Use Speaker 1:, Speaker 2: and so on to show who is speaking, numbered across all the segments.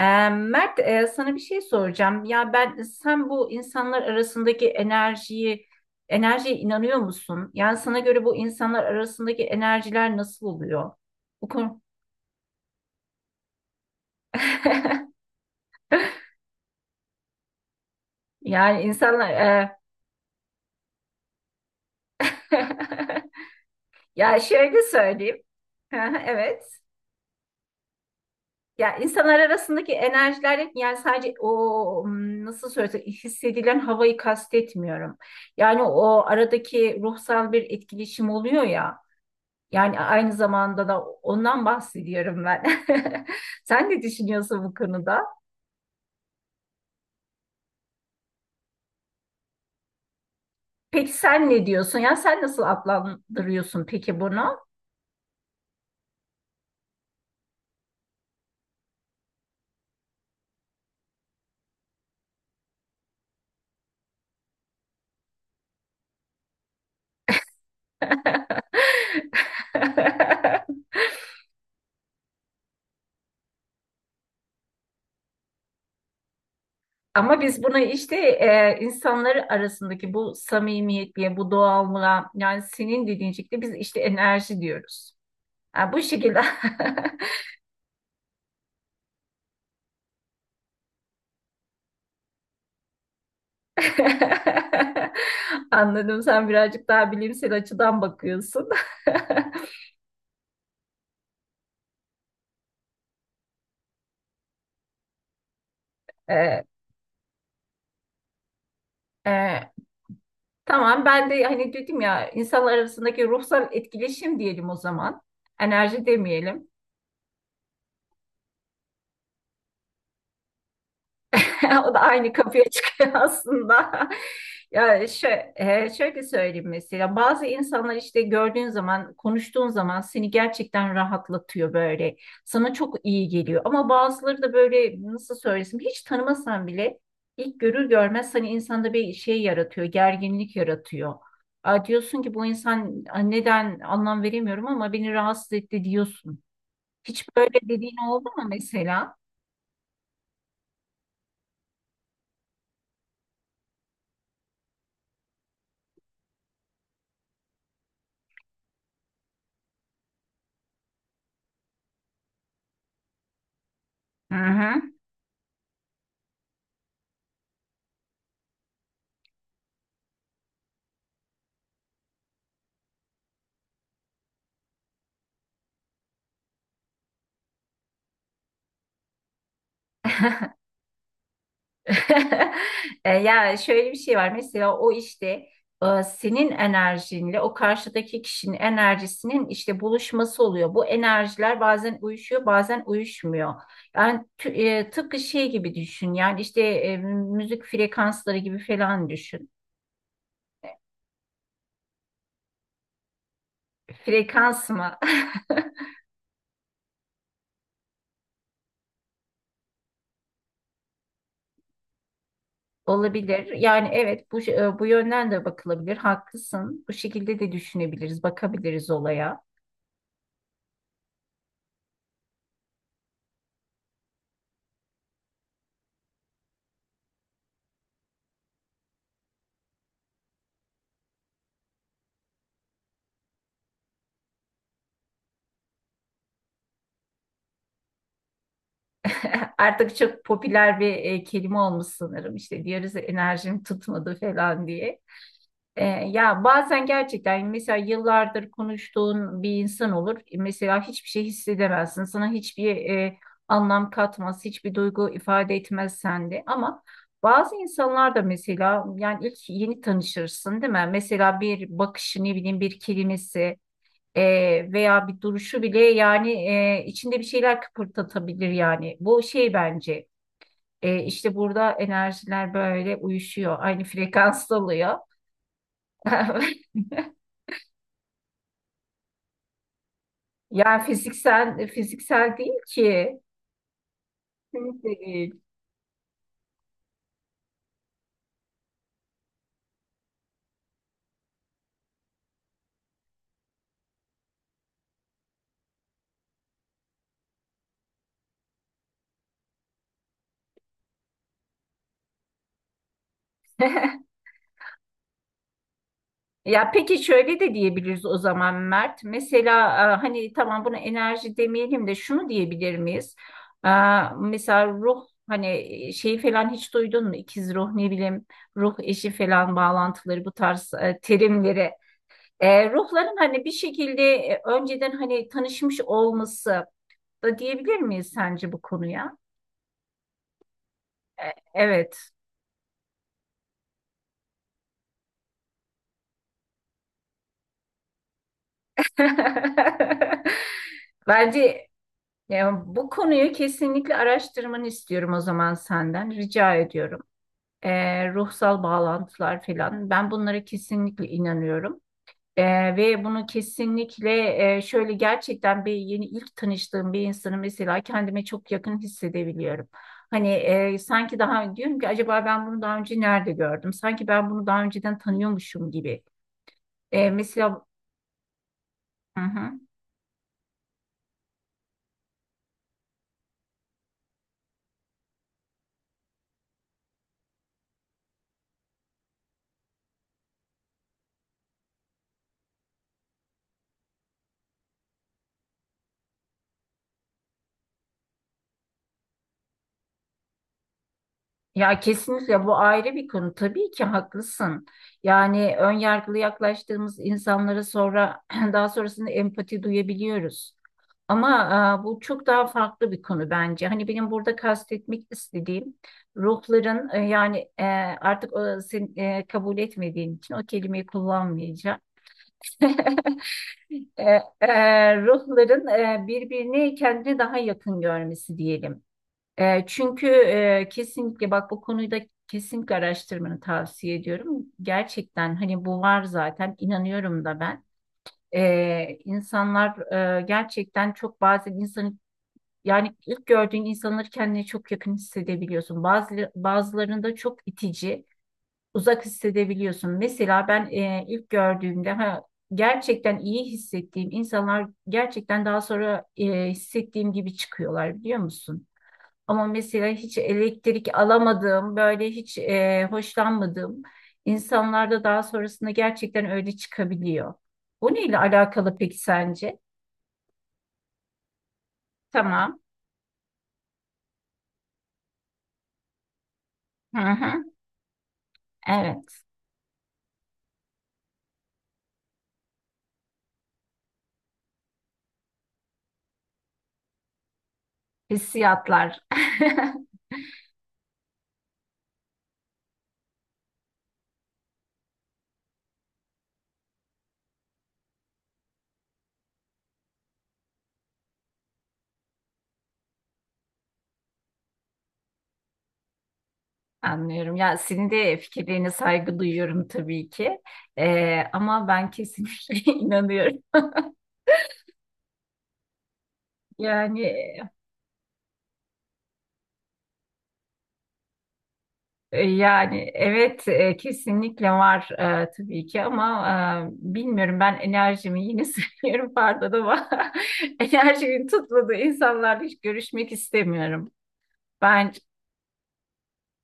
Speaker 1: Mert, sana bir şey soracağım. Ya ben sen bu insanlar arasındaki enerjiye inanıyor musun? Yani sana göre bu insanlar arasındaki enerjiler nasıl oluyor? Bu konu. Yani insanlar ya şöyle söyleyeyim. Evet. Ya insanlar arasındaki enerjiler yani sadece o hmm, nasıl söylesem hissedilen havayı kastetmiyorum. Yani o aradaki ruhsal bir etkileşim oluyor ya. Yani aynı zamanda da ondan bahsediyorum ben. Sen ne düşünüyorsun bu konuda? Peki sen ne diyorsun? Ya sen nasıl adlandırıyorsun peki bunu? Ama biz bunu işte insanları arasındaki bu samimiyetliğe, bu doğallığa yani senin dediğin şekilde biz işte enerji diyoruz. Ha, bu şekilde. Anladım sen birazcık daha bilimsel açıdan bakıyorsun. E, e, Tamam ben de hani dedim ya insanlar arasındaki ruhsal etkileşim diyelim o zaman. Enerji demeyelim. O da aynı kapıya çıkıyor aslında. Ya şöyle, şöyle söyleyeyim mesela bazı insanlar işte gördüğün zaman konuştuğun zaman seni gerçekten rahatlatıyor böyle. Sana çok iyi geliyor ama bazıları da böyle nasıl söylesem hiç tanımasan bile ilk görür görmez hani insanda bir şey yaratıyor, gerginlik yaratıyor. Aa, diyorsun ki bu insan, "Aa, neden anlam veremiyorum ama beni rahatsız etti," diyorsun. Hiç böyle dediğin oldu mu mesela? Hı hı. Yani şöyle bir şey var. Mesela o işte senin enerjinle o karşıdaki kişinin enerjisinin işte buluşması oluyor. Bu enerjiler bazen uyuşuyor, bazen uyuşmuyor. Yani tıpkı şey gibi düşün. Yani işte müzik frekansları gibi falan düşün. Frekans mı? Olabilir. Yani evet bu bu yönden de bakılabilir. Haklısın. Bu şekilde de düşünebiliriz, bakabiliriz olaya. Artık çok popüler bir kelime olmuş sanırım. İşte diyoruz ya, enerjim tutmadı falan diye. Ya bazen gerçekten mesela yıllardır konuştuğun bir insan olur. Mesela hiçbir şey hissedemezsin. Sana hiçbir anlam katmaz, hiçbir duygu ifade etmez sende. Ama bazı insanlar da mesela yani ilk yeni tanışırsın değil mi? Mesela bir bakışı ne bileyim bir kelimesi e, veya bir duruşu bile yani içinde bir şeyler kıpırdatabilir yani. Bu şey bence işte burada enerjiler böyle uyuşuyor, aynı frekansta oluyor. Yani fiziksel değil ki. Kesinlikle değil. Ya peki şöyle de diyebiliriz o zaman Mert. Mesela hani tamam bunu enerji demeyelim de şunu diyebilir miyiz? E, Mesela ruh hani şeyi falan hiç duydun mu? İkiz ruh ne bileyim ruh eşi falan bağlantıları bu tarz terimleri. Ruhların hani bir şekilde önceden hani tanışmış olması da diyebilir miyiz sence bu konuya? E, Evet. Bence, ya bu konuyu kesinlikle araştırmanı istiyorum o zaman senden. Rica ediyorum. Ruhsal bağlantılar falan. Ben bunlara kesinlikle inanıyorum. Ve bunu kesinlikle şöyle gerçekten bir yeni ilk tanıştığım bir insanı mesela kendime çok yakın hissedebiliyorum. Hani sanki daha diyorum ki acaba ben bunu daha önce nerede gördüm? Sanki ben bunu daha önceden tanıyormuşum gibi. Mesela hı hı. Ya kesinlikle bu ayrı bir konu. Tabii ki haklısın. Yani ön yargılı yaklaştığımız insanlara sonra daha sonrasında empati duyabiliyoruz. Ama bu çok daha farklı bir konu bence. Hani benim burada kastetmek istediğim ruhların artık o, sen kabul etmediğin için o kelimeyi kullanmayacağım. E, ruhların birbirini kendine daha yakın görmesi diyelim. Çünkü kesinlikle bak bu konuyu da kesinlikle araştırmanı tavsiye ediyorum. Gerçekten hani bu var zaten inanıyorum da ben. İnsanlar gerçekten çok bazen insanı yani ilk gördüğün insanları kendine çok yakın hissedebiliyorsun. Bazı, bazılarında çok itici, uzak hissedebiliyorsun. Mesela ben ilk gördüğümde ha, gerçekten iyi hissettiğim insanlar gerçekten daha sonra hissettiğim gibi çıkıyorlar biliyor musun? Ama mesela hiç elektrik alamadığım, böyle hiç hoşlanmadığım insanlarda daha sonrasında gerçekten öyle çıkabiliyor. Bu neyle alakalı peki sence? Tamam. Hı hı. Evet. Hissiyatlar. Anlıyorum. Ya senin de fikirlerine saygı duyuyorum tabii ki. Ama ben kesinlikle inanıyorum. Yani yani evet kesinlikle var tabii ki ama bilmiyorum ben enerjimi yine söylüyorum pardon ama enerjimin tutmadığı insanlarla hiç görüşmek istemiyorum. Ben,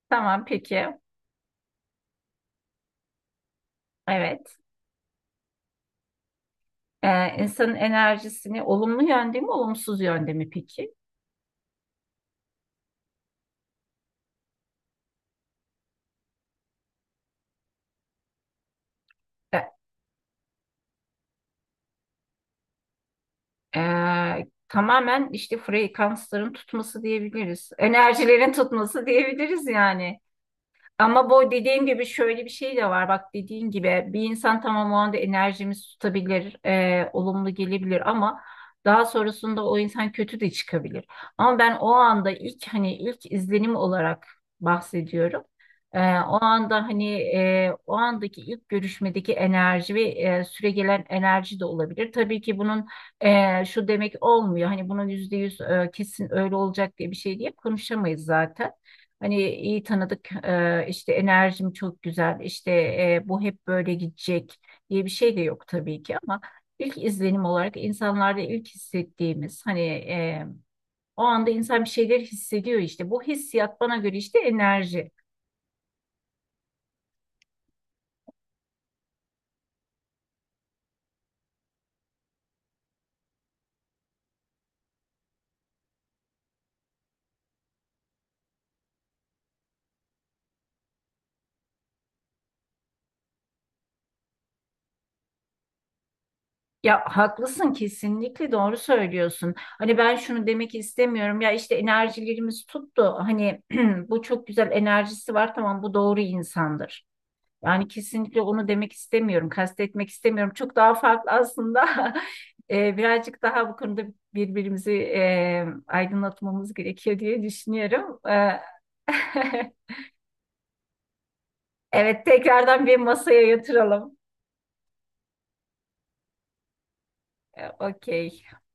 Speaker 1: tamam, peki, evet. İnsanın enerjisini olumlu yönde mi olumsuz yönde mi peki? E, tamamen işte frekansların tutması diyebiliriz enerjilerin tutması diyebiliriz yani. Ama bu dediğim gibi şöyle bir şey de var. Bak dediğin gibi bir insan tamam o anda enerjimiz tutabilir, olumlu gelebilir ama daha sonrasında o insan kötü de çıkabilir. Ama ben o anda ilk hani ilk izlenim olarak bahsediyorum. O anda hani o andaki ilk görüşmedeki enerji ve süregelen enerji de olabilir. Tabii ki bunun şu demek olmuyor. Hani bunun %100 kesin öyle olacak diye bir şey diye konuşamayız zaten. Hani iyi tanıdık, işte enerjim çok güzel, işte bu hep böyle gidecek diye bir şey de yok tabii ki ama ilk izlenim olarak insanlarda ilk hissettiğimiz hani o anda insan bir şeyler hissediyor işte. Bu hissiyat bana göre işte enerji. Ya haklısın kesinlikle doğru söylüyorsun. Hani ben şunu demek istemiyorum ya işte enerjilerimiz tuttu. Hani bu çok güzel enerjisi var tamam bu doğru insandır. Yani kesinlikle onu demek istemiyorum, kastetmek istemiyorum. Çok daha farklı aslında. Birazcık daha bu konuda birbirimizi aydınlatmamız gerekiyor diye düşünüyorum. Evet, tekrardan bir masaya yatıralım. Okey.